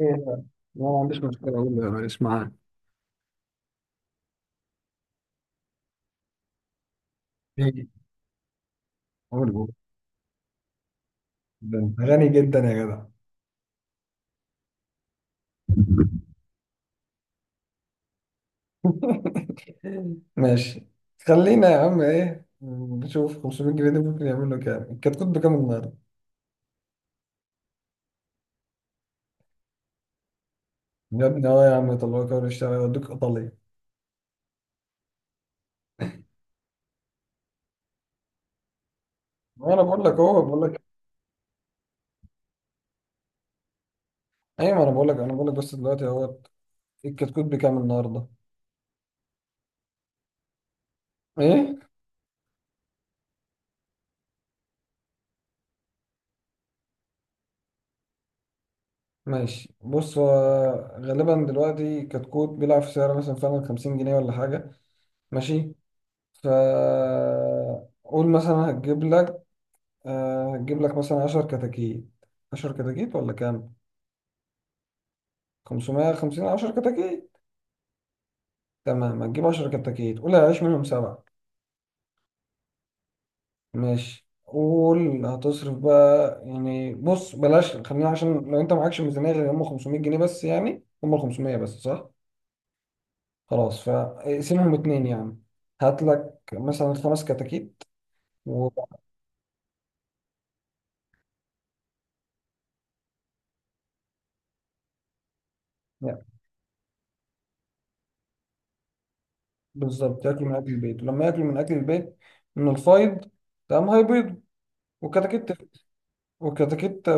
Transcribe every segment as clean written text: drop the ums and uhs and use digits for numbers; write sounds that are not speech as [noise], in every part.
إيه ده؟ لا، ما عنديش مشكلة. أقول له ماليش معاه. إيه؟ أقول له ده انت غني جدا يا جدع. [laughs] ماشي. خلينا يا عم ايه نشوف 500 جنيه دي ممكن يعمل له كام، الكتكوت بكام النهارده؟ يا ابني اه يا عم يطلعوك اول، يشتغل يودوك ايطاليا. وانا بقول لك اهو بقول لك. ايوه، ما انا بقول لك بس دلوقتي اهو. الكتكوت بكام النهارده؟ ايه. ماشي، بص، هو غالبا دلوقتي الكتكوت بيلعب في سعر مثلا فعلا 50 جنيه ولا حاجه. ماشي. فقول مثلا هتجيب لك مثلا 10 كتاكيت. 10 كتاكيت ولا كام؟ 550، 10 كتاكيت. تمام، هتجيب 10 كتاكيت، قول هيعيش منهم سبعة. ماشي، قول هتصرف بقى يعني، بص بلاش، خلينا عشان لو انت معكش ميزانية غير هم 500 جنيه بس، يعني هم 500 بس، صح؟ خلاص فاقسمهم اتنين يعني. هات لك مثلا خمس كتاكيت و... بالظبط، ياكلوا من اكل البيت، ولما ياكلوا من اكل البيت من الفايض. تمام، هيبيضوا، والكتاكيت والكتاكيت و-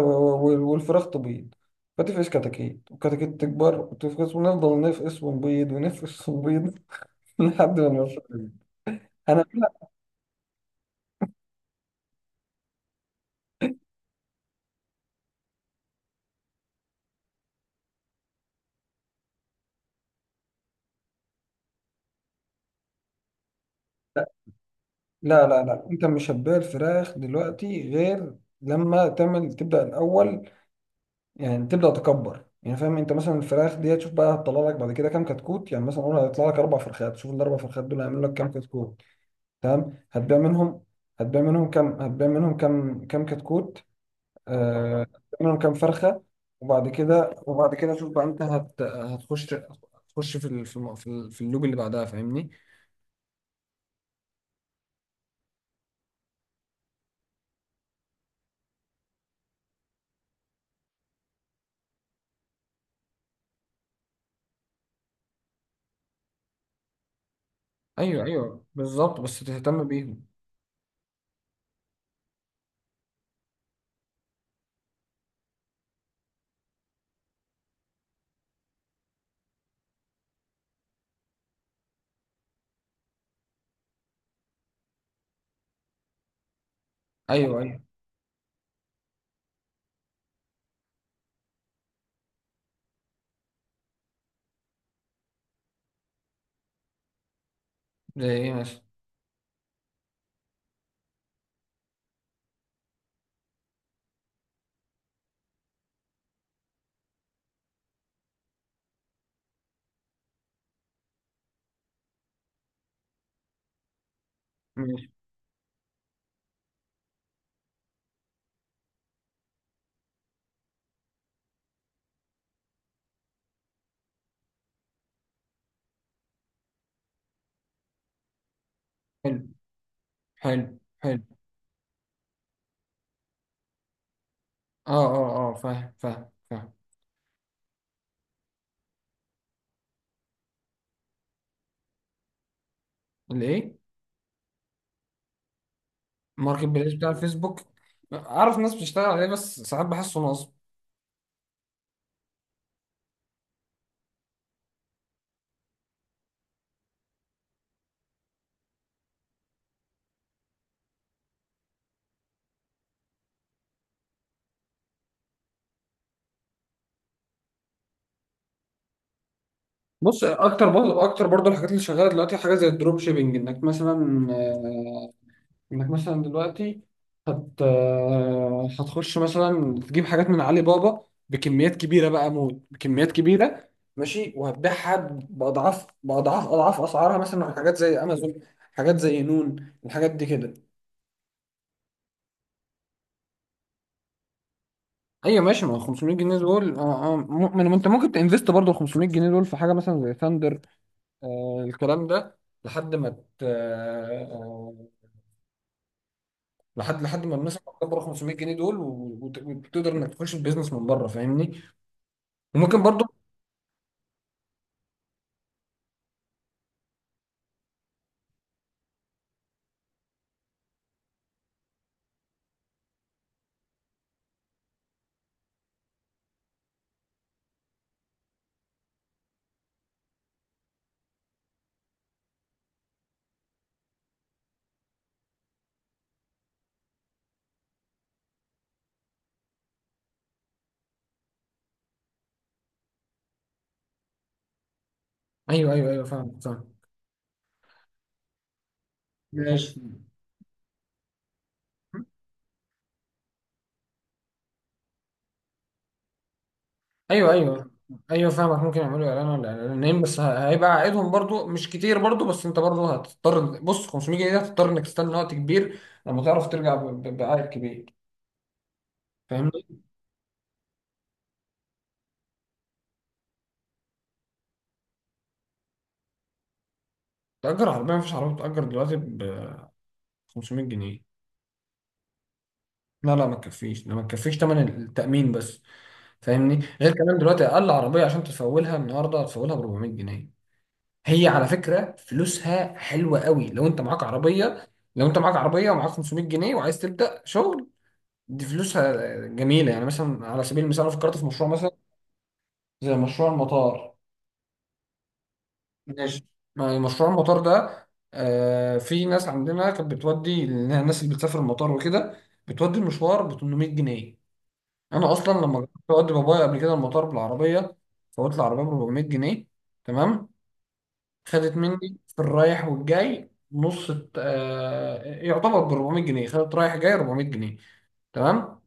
و- والفراخ تبيض. فتفقس كتاكيت، والكتاكيت تكبر وتفقس، ونفضل نفقس ونبيض ونفقس ونبيض، [laughs] لحد ما نوصل. انا لا، لا، لا، لا. انت مش هتبيع الفراخ دلوقتي غير لما تعمل تبدا الاول. يعني تبدا تكبر يعني، فاهم؟ انت مثلا الفراخ دي هتشوف بقى هتطلع لك بعد كده كام كتكوت، يعني مثلا قول هيطلع لك اربع فرخات، شوف الاربع فرخات دول هيعملوا لك كام كتكوت. تمام هتبيع منهم، هتبيع منهم كم، هتبيع منهم كم كتكوت. آه هتبيع منهم كم فرخة. وبعد كده، شوف بقى انت هت هتخش هتخش في ال- في الم- في ال- في اللوب اللي بعدها، فاهمني؟ ايوه، ايوه، بالظبط بس تهتم بيهم. ايوه، ايوه، زي ايه مثلا؟ ماشي، حلو، حلو، حلو، اه، اه، اه، فاهم، فاهم، فاهم. الايه؟ ماركت بليس بتاع الفيسبوك. اعرف ناس بتشتغل عليه، بس ساعات بحسه نصب. بص، اكتر برضه الحاجات اللي شغاله دلوقتي حاجه زي الدروب شيبنج، آه، انك مثلا دلوقتي هت آه، هتخش مثلا تجيب حاجات من علي بابا بكميات كبيره بقى موت، بكميات كبيره. ماشي، وهتبيعها باضعاف باضعاف اضعاف اسعارها، مثلا على حاجات زي امازون، حاجات زي نون، الحاجات دي كده. ايوه، ماشي. ما هو 500 جنيه دول ما انت ممكن تنفست برضه ال 500 جنيه دول في حاجه مثلا زي ثاندر. الكلام ده لحد ما لحد ما الناس هتكبر 500 جنيه دول، وتقدر انك تخش البيزنس من بره، فاهمني؟ وممكن برضو. ايوه، ايوه، ايوه، فاهم، فاهم. ماشي. ايوه، ايوه، ايوه، فاهمك. ممكن يعملوا اعلان ولا اعلانين، بس هيبقى عائدهم برضو مش كتير برضو، بس انت برضو هتضطر. بص، 500 جنيه ده هتضطر انك تستنى وقت كبير لما تعرف ترجع بعائد كبير، فاهمني؟ تأجر عربية؟ مفيش عربية بتأجر دلوقتي ب 500 جنيه. لا، لا، ما تكفيش، ده ما تكفيش تمن التأمين بس، فاهمني؟ غير كمان دلوقتي اقل عربيه عشان تفولها النهارده هتفولها ب 400 جنيه. هي على فكره فلوسها حلوه قوي لو انت معاك عربيه. لو انت معاك عربيه ومعاك 500 جنيه وعايز تبدا شغل، دي فلوسها جميله. يعني مثلا على سبيل المثال انا فكرت في مشروع مثلا زي مشروع المطار. ماشي، مشروع المطار ده، في ناس عندنا كانت بتودي الناس اللي بتسافر المطار وكده، بتودي المشوار ب 800 جنيه. انا اصلا لما جربت اودي بابايا قبل كده المطار بالعربيه، فوت العربيه ب 400 جنيه. تمام، خدت مني في الرايح والجاي نص. يعتبر ب 400 جنيه، خدت رايح جاي 400 جنيه. تمام.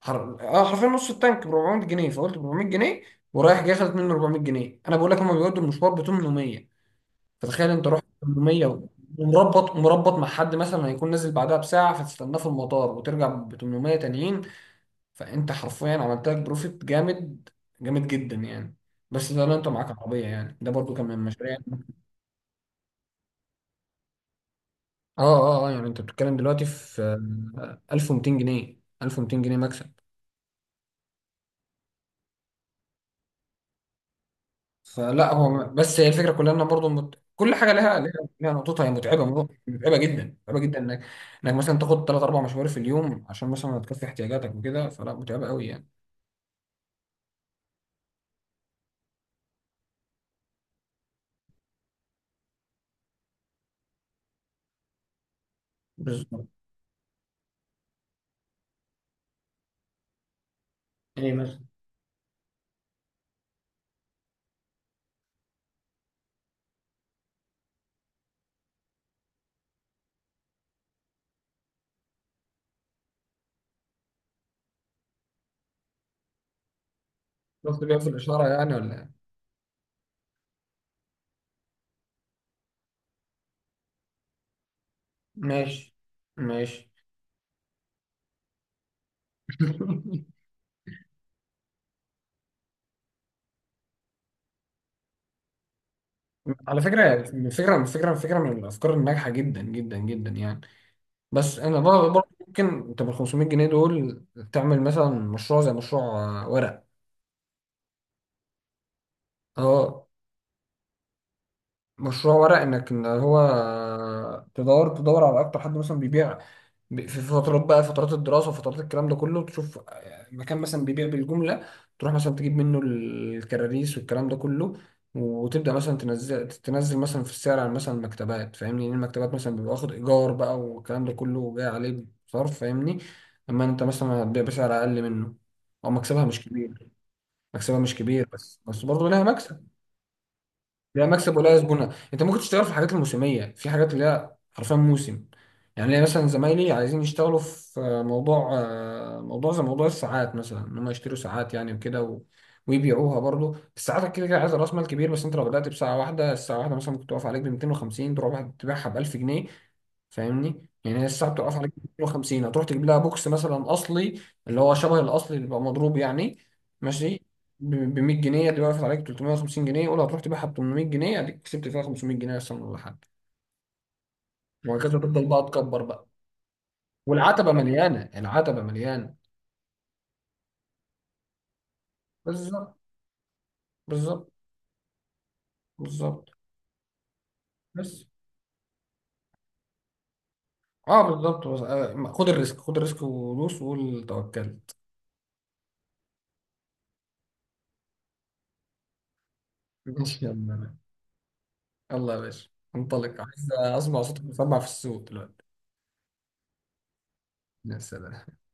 حر... اه حرفيا نص التانك ب 400 جنيه، فقلت ب 400 جنيه ورايح جاي، خدت مني 400 جنيه. انا بقول لك هما بيودوا المشوار ب 800، فتخيل انت رحت 800 ومربط، مع حد مثلا هيكون نازل بعدها بساعه، فتستناه في المطار وترجع ب 800 تانيين. فانت حرفيا عملت لك بروفيت جامد، جامد جدا يعني. بس ده لو انت معاك عربيه يعني، ده برضو كان من المشاريع يعني. اه يعني انت بتتكلم دلوقتي في 1200 جنيه، 1200 جنيه مكسب. فلا، هو بس هي الفكره كلها ان برضو كل حاجه لها، لها لها نقطتها. هي متعبه، متعبه جدا، متعبه جدا انك، مثلا تاخد ثلاث اربع مشوار في اليوم عشان مثلا تكفي احتياجاتك وكده، فلا متعبه قوي يعني. بالظبط. ايه مثلا؟ شفت بيها في الاشاره يعني ولا إيه؟ ماشي، ماشي. [laughs] على فكرة، فكرة من الأفكار الناجحة جدا جدا جدا يعني. بس أنا برضه ممكن أنت بال 500 جنيه دول تعمل مثلا مشروع زي مشروع ورق. أه، مشروع ورق. انك ان هو تدور، على اكتر حد مثلا بيبيع في فترات بقى، فترات الدراسه وفترات الكلام ده كله، تشوف مكان مثلا بيبيع بالجمله، تروح مثلا تجيب منه الكراريس والكلام ده كله، وتبدا مثلا تنزل، مثلا في السعر عن مثلا المكتبات، فاهمني؟ لان المكتبات مثلا بيبقى واخد ايجار بقى، والكلام ده كله جاي عليه صرف، فاهمني؟ اما انت مثلا هتبيع بسعر اقل منه، او مكسبها مش كبير، بس، برضه لها مكسب. لا مكسب ولا زبونه، انت ممكن تشتغل في الحاجات الموسميه، في حاجات اللي هي حرفيا موسم. يعني ليا مثلا زمايلي عايزين يشتغلوا في موضوع، زي موضوع الساعات مثلا، ان هم يشتروا ساعات يعني وكده و... ويبيعوها برضه. الساعات كده كده عايزه راس مال كبير، بس انت لو بدات بساعه واحده، الساعه واحده مثلا ممكن تقف عليك ب 250 تروح تبيعها ب 1000 جنيه، فاهمني؟ يعني هي الساعه بتبقى عليك 250، هتروح تجيب لها بوكس مثلا اصلي، اللي هو شبه الاصلي اللي بيبقى مضروب يعني، ماشي، ب 100 جنيه، دي وقفت عليك 350 جنيه، قول هتروح تبيعها ب 800 جنيه، اديك كسبت فيها 500 جنيه اصلا ولا حاجه. وهكذا تفضل بقى تكبر بقى، والعتبه مليانه، العتبه مليانه. بالظبط، بالظبط، بالظبط. بس اه بالظبط. خد الريسك، خد الريسك، ودوس وقول توكلت. ماشي يا عم. يلا يا باشا، انطلق، عايز اسمع صوتك مسمع في السوق دلوقتي. يا سلام.